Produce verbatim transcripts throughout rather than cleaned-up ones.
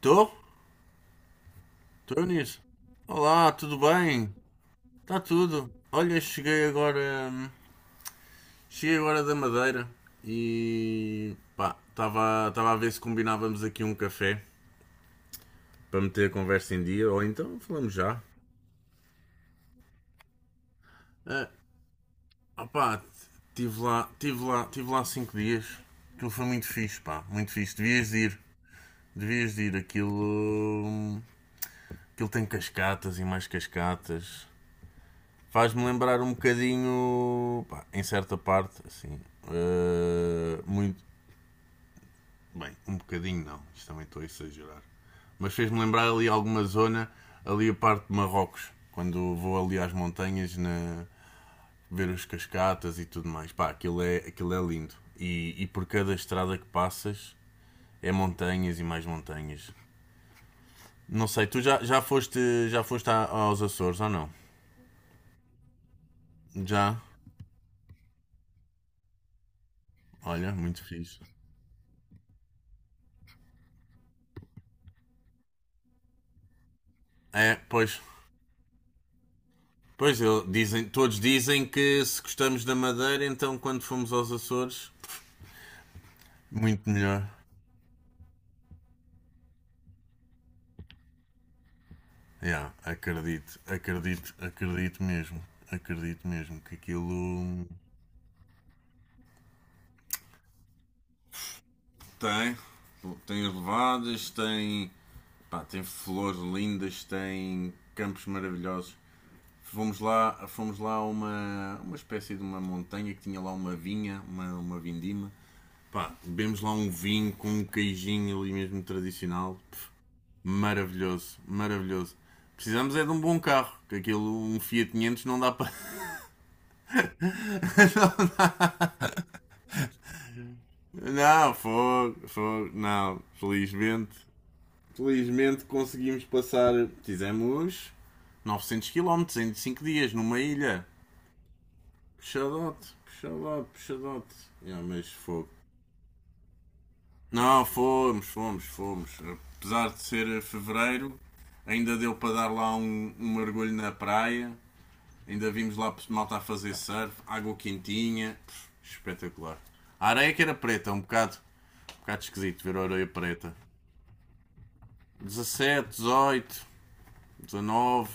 Tô? Tô nisso. Olá, tudo bem? Tá tudo. Olha, cheguei agora. hum, Cheguei agora da Madeira e, pá, estava estava a ver se combinávamos aqui um café para meter a conversa em dia ou então falamos já. Ah, opá, tive lá, tive lá, tive lá cinco dias. Aquilo foi muito fixe, pá, muito fixe. Devias de ir, devias de ir. Aquilo. hum, Aquilo tem cascatas e mais cascatas. Faz-me lembrar um bocadinho, pá, em certa parte, assim, eh, muito. Bem, um bocadinho não, isto também estou a exagerar. Mas fez-me lembrar ali alguma zona, ali a parte de Marrocos, quando vou ali às montanhas na, ver os cascatas e tudo mais. Pá, aquilo é, aquilo é lindo. E, e por cada estrada que passas é montanhas e mais montanhas. Não sei, tu já, já foste, já foste a- aos Açores ou não? Já? Olha, muito fixe. É, pois, pois, ele- dizem, todos dizem que se gostamos da Madeira, então quando fomos aos Açores, muito melhor. Yeah, acredito, acredito, acredito mesmo. Acredito mesmo que aquilo. Tem. Tem elevadas, tem. Pá, tem flores lindas, tem campos maravilhosos. Fomos lá, fomos lá a uma, uma espécie de uma montanha que tinha lá uma vinha, uma, uma vindima. Pá, bebemos lá um vinho com um queijinho ali mesmo tradicional. Pff, maravilhoso, maravilhoso. Precisamos é de um bom carro, que aquilo, um Fiat quinhentos não dá para... Não, não, fogo, fogo, não. Felizmente, felizmente conseguimos passar, fizemos novecentos quilómetros em cinco dias numa ilha. Puxadote, puxadote, puxadote. Yeah, mas fogo. Não, fomos, fomos, fomos. Apesar de ser fevereiro, ainda deu para dar lá um, um mergulho na praia. Ainda vimos lá malta a fazer surf, água quentinha, Pff, espetacular. A areia que era preta, um bocado, um bocado esquisito ver a areia preta. dezassete, dezoito, dezanove.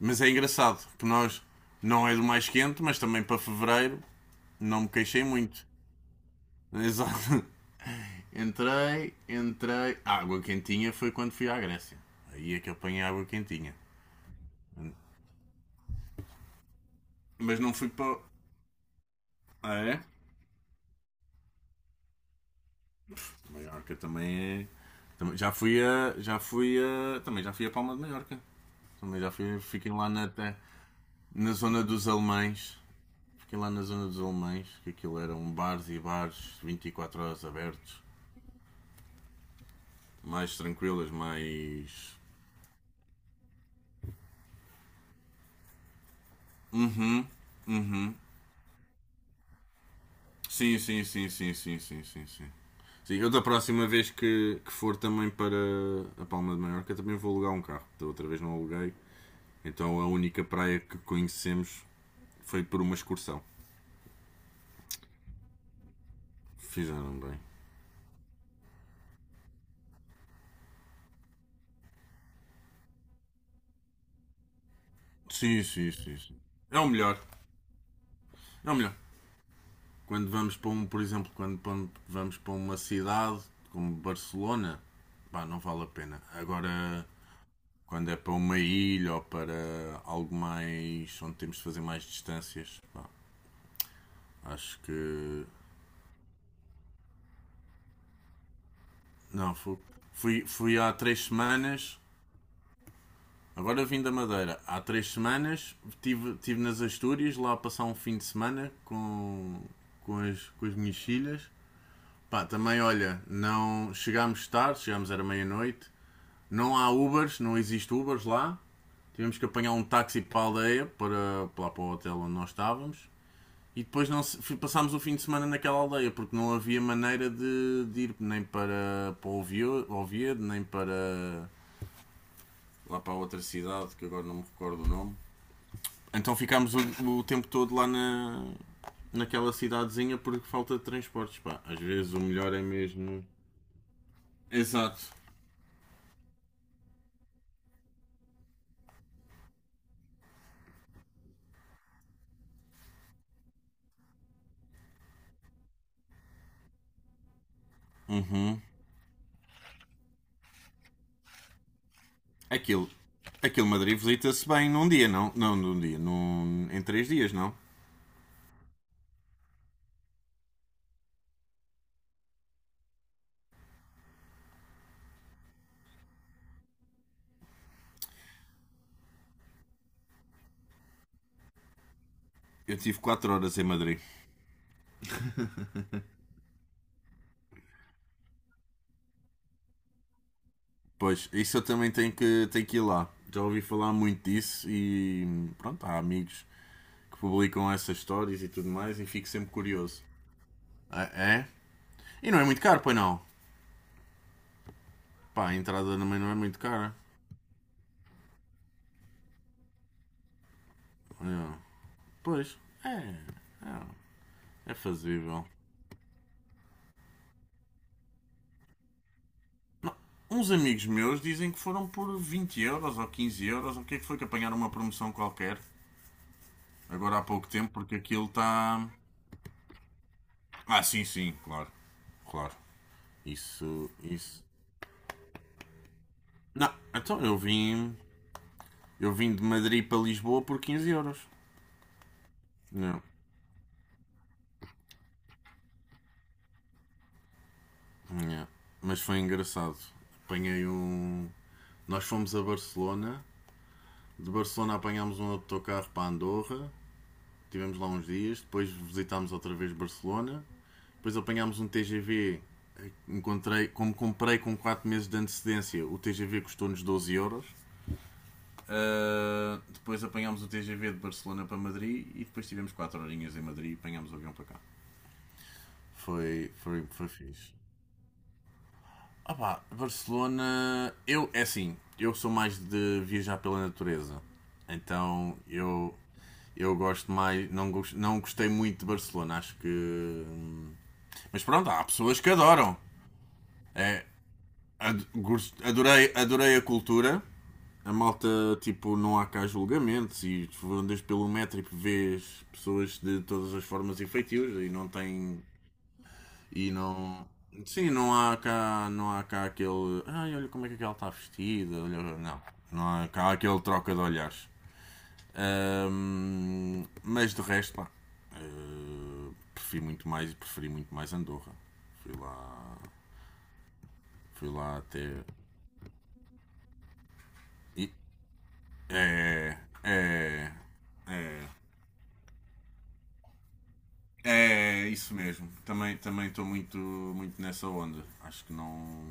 Mas é engraçado, porque nós não é do mais quente, mas também para fevereiro não me queixei muito. Exato. Entrei, entrei. A água quentinha foi quando fui à Grécia. Aí é que eu apanhei água quentinha. Mas não fui para. Ah, é? Maiorca também é. Também- já fui a. Já fui a. Também já fui a Palma de Maiorca. Também já fui. Fiquei lá na, na zona dos alemães. Fiquei lá na zona dos alemães, que aquilo eram bares e bares vinte e quatro horas abertos. Mais tranquilas, mais. Sim, sim, sim, sim, sim, sim, sim, sim. Sim, eu da próxima vez que, que for também para a Palma de Maiorca também vou alugar um carro. Da outra vez não aluguei. Então a única praia que conhecemos foi por uma excursão. Fizeram bem. Sim, sim, sim, sim. É o melhor. É o melhor. Quando vamos para um, por exemplo, quando pam- vamos para uma cidade como Barcelona, pá, não vale a pena. Agora, quando é para uma ilha ou para algo mais onde temos de fazer mais distâncias, pá, acho que. Não, fu- fui, fui há três semanas. Agora vim da Madeira. Há três semanas estive tive nas Astúrias lá a passar um fim de semana com, com, as, com as minhas filhas. Pá, também olha, não chegámos tarde, chegámos era meia-noite, não há Ubers, não existe Ubers lá. Tivemos que apanhar um táxi para a aldeia, para, para para o hotel onde nós estávamos. E depois não passámos o fim de semana naquela aldeia, porque não havia maneira de, de ir nem para, para Ovio- Oviedo, nem para lá para outra cidade, que agora não me recordo o nome. Então ficámos o, o tempo todo lá na, naquela cidadezinha porque falta de transportes. Pá, às vezes o melhor é mesmo. Exato. Uhum. Aquilo. Aquilo Madrid visita-se bem num dia, não? Não, num dia. Num... Em três dias, não? Eu tive quatro horas em Madrid. Pois, isso eu também tenho que, tenho que ir lá. Já ouvi falar muito disso e pronto, há amigos que publicam essas histórias e tudo mais e fico sempre curioso. Ah, é? E não é muito caro, pois não? Pá, a entrada também não é muito cara. É. Pois, é. É, é fazível. Não. Uns amigos meus dizem que foram por vinte euros ou quinze euros, ou o que é que foi que apanharam uma promoção qualquer, agora há pouco tempo, porque aquilo está. Ah, sim, sim, claro. Claro. Isso, isso. Não, então eu vim. Eu vim de Madrid para Lisboa por quinze euros. Não, não. Mas foi engraçado. Apanhei um. Nós fomos a Barcelona. De Barcelona apanhámos um autocarro para Andorra. Tivemos lá uns dias, depois visitámos outra vez Barcelona, depois apanhámos um T G V. Encontrei, como comprei com quatro meses de antecedência, o T G V custou-nos doze euros. Ah, depois apanhámos o T G V de Barcelona para Madrid e depois tivemos quatro horinhas em Madrid e apanhámos o avião para cá. Foi, foi, foi fixe. Ah pá, Barcelona. Eu, é assim, eu sou mais de viajar pela natureza. Então eu. Eu gosto mais. Não, gos- não gostei muito de Barcelona, acho que. hum, Mas pronto, há pessoas que adoram. É, ad- gos- adorei, adorei a cultura. A malta, tipo, não há cá julgamentos e tu andas pelo metro e vês pessoas de todas as formas e feitios e não tem e não. Sim, não há cá, não há cá aquele. Ai, olha como é que ela está vestida. Olha... Não, não há cá aquele troca de olhares. Ahm, mas de resto, pá, eh, prefiro muito mais preferi muito mais Andorra. Fui lá, fui lá até. E, é, é, é, é isso mesmo. Também também estou muito muito nessa onda. Acho que não,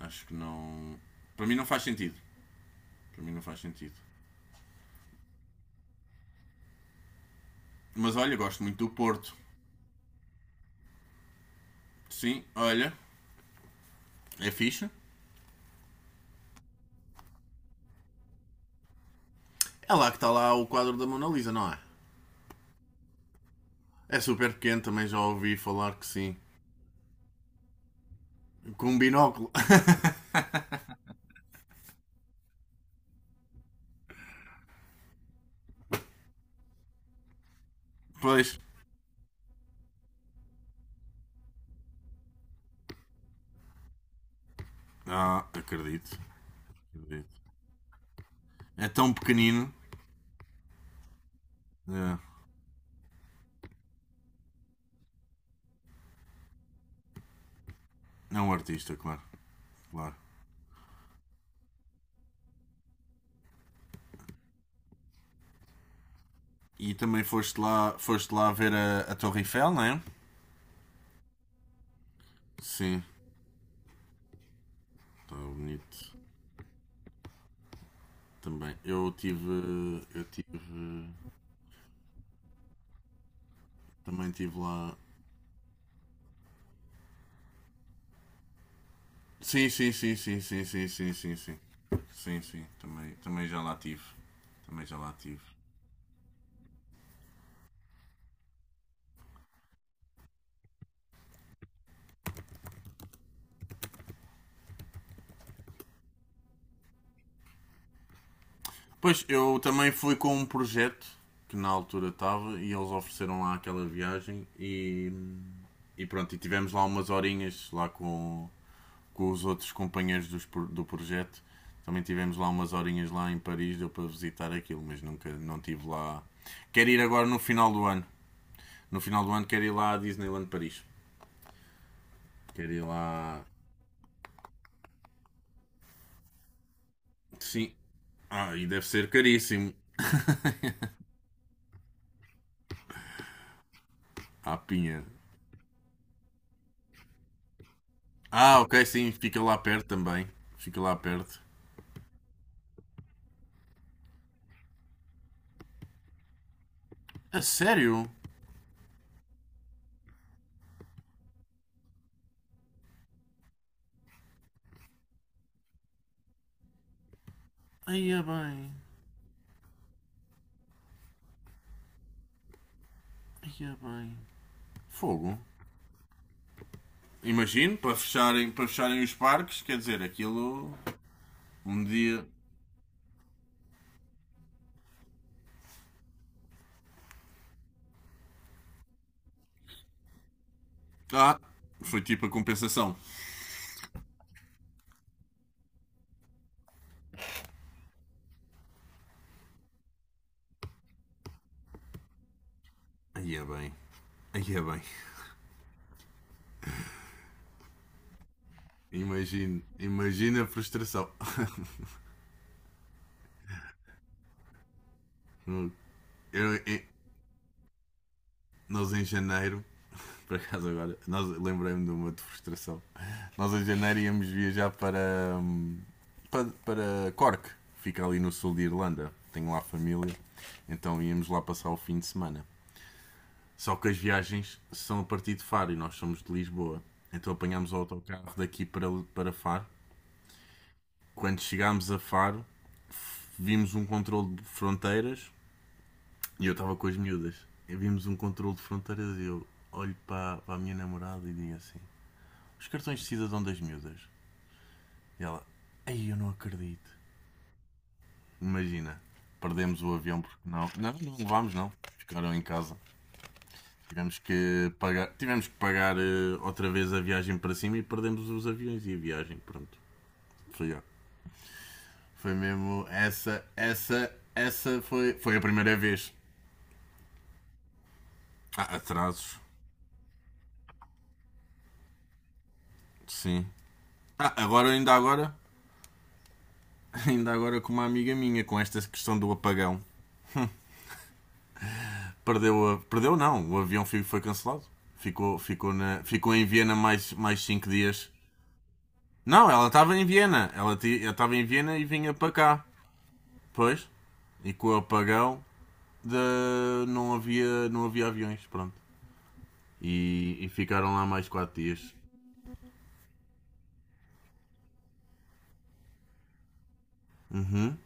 acho que não. Para mim não faz sentido. Para mim não faz sentido. Mas olha, gosto muito do Porto. Sim, olha, é fixe. É lá que está lá o quadro da Mona Lisa, não é? É super pequeno, também já ouvi falar que sim. Com um binóculo. Pois. Ah, acredito. Acredito. É tão pequenino. É, é um artista, claro. Claro. E também foste lá, foste lá ver a, a Torre Eiffel, não é? Sim, está bonito também. Eu tive, eu tive, também tive lá. Sim, sim, sim, sim, sim, sim, sim, sim, sim. Sim, sim, também, também já lá tive. Também já lá tive. Pois, eu também fui com um projeto que na altura estava e eles ofereceram lá aquela viagem e, e pronto, e tivemos lá umas horinhas lá com, com os outros companheiros dos, pro- do projeto. Também tivemos lá umas horinhas lá em Paris, deu para visitar aquilo, mas nunca, não tive lá. Quero ir agora no final do ano. No final do ano quero ir lá à Disneyland Paris. Quero ir lá. Sim. Ah, e deve ser caríssimo. Ah, pinha. Ah, ok, sim, fica lá perto também. Fica lá perto. A sério? Aí é bem. Aí é bem. Fogo. Imagino, para fecharem, para fecharem os parques, quer dizer, aquilo. Um dia. Ah, foi tipo a compensação. Aí é bem. Aí é bem. Imagino, imagina a frustração. Eu, eu- Nós em janeiro, por acaso agora, nós lembrei-me de uma de frustração. Nós em janeiro íamos viajar para, hum, para, para Cork, fica ali no sul de Irlanda. Tenho lá família, então íamos lá passar o fim de semana. Só que as viagens são a partir de Faro e nós somos de Lisboa. Então apanhámos o autocarro daqui para, para Faro. Quando chegámos a Faro, vimos um controle de fronteiras e eu estava com as miúdas. E vimos um controle de fronteiras e eu olho para, para a minha namorada e digo assim: Os cartões de cidadão das miúdas. E ela: Ei, eu não acredito. Imagina, perdemos o avião porque não. Não, não levámos, não. Ficaram em casa. Tivemos que pagar, tivemos que pagar eh, outra vez a viagem para cima e perdemos os aviões e a viagem. Pronto, foi ó. Foi mesmo essa, essa, essa foi, foi a primeira vez. Ah, atrasos, sim. Ah, agora, ainda agora, ainda agora com uma amiga minha, com esta questão do apagão. Perdeu, a... perdeu não, o avião fi- foi cancelado. Ficou, ficou, na... ficou em Viena mais, mais cinco dias. Não, ela estava em Viena. Ela ti- ela estava em Viena e vinha para cá. Pois. E com o apagão de... não, havia, não havia aviões, pronto. E, e ficaram lá mais quatro dias. Uhum.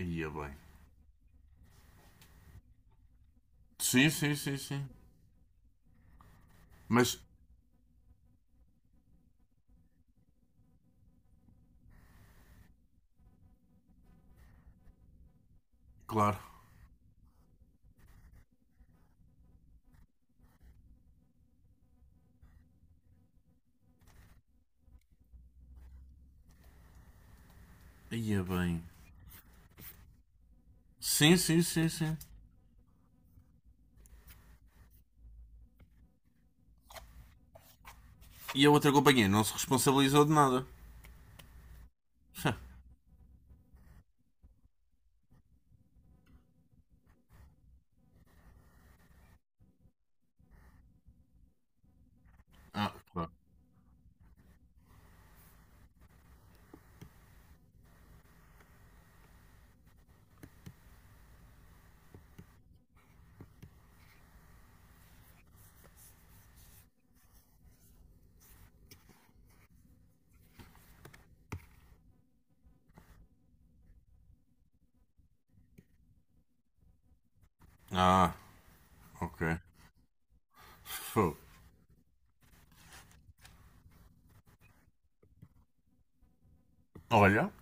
Ia bem. Sim, sim, sim, sim. Mas, claro, ia bem. Sim, sim, sim, sim. E a outra companhia não se responsabilizou de nada. Ah, claro. Ah, ok. Fogo. Olha,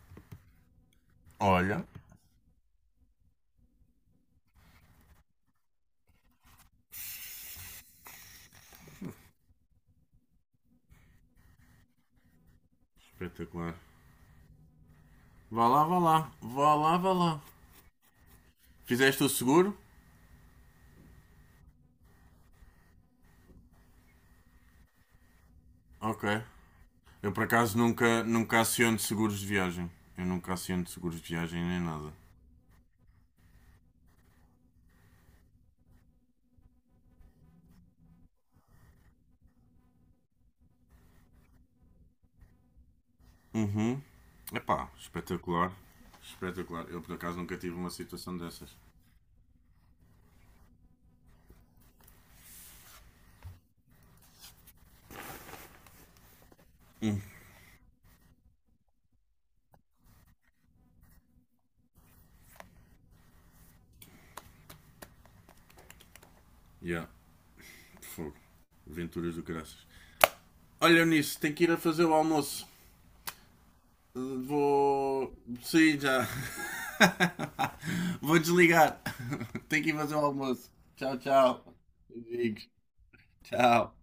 olha. Espetacular. Vá lá, vá lá. Vá lá, vá lá. Fizeste o seguro? Ok. Eu por acaso nunca, nunca aciono seguros de viagem. Eu nunca aciono seguros de viagem nem nada. Uhum. Epá, espetacular. Espetacular. Eu por acaso nunca tive uma situação dessas. Hum. Yeah. Fogo. Aventuras do graças. Olha nisso, tenho que ir a fazer o almoço. Vou. Sim, já. Vou desligar. Tenho que ir fazer o almoço. Tchau, tchau. Amigos. Tchau.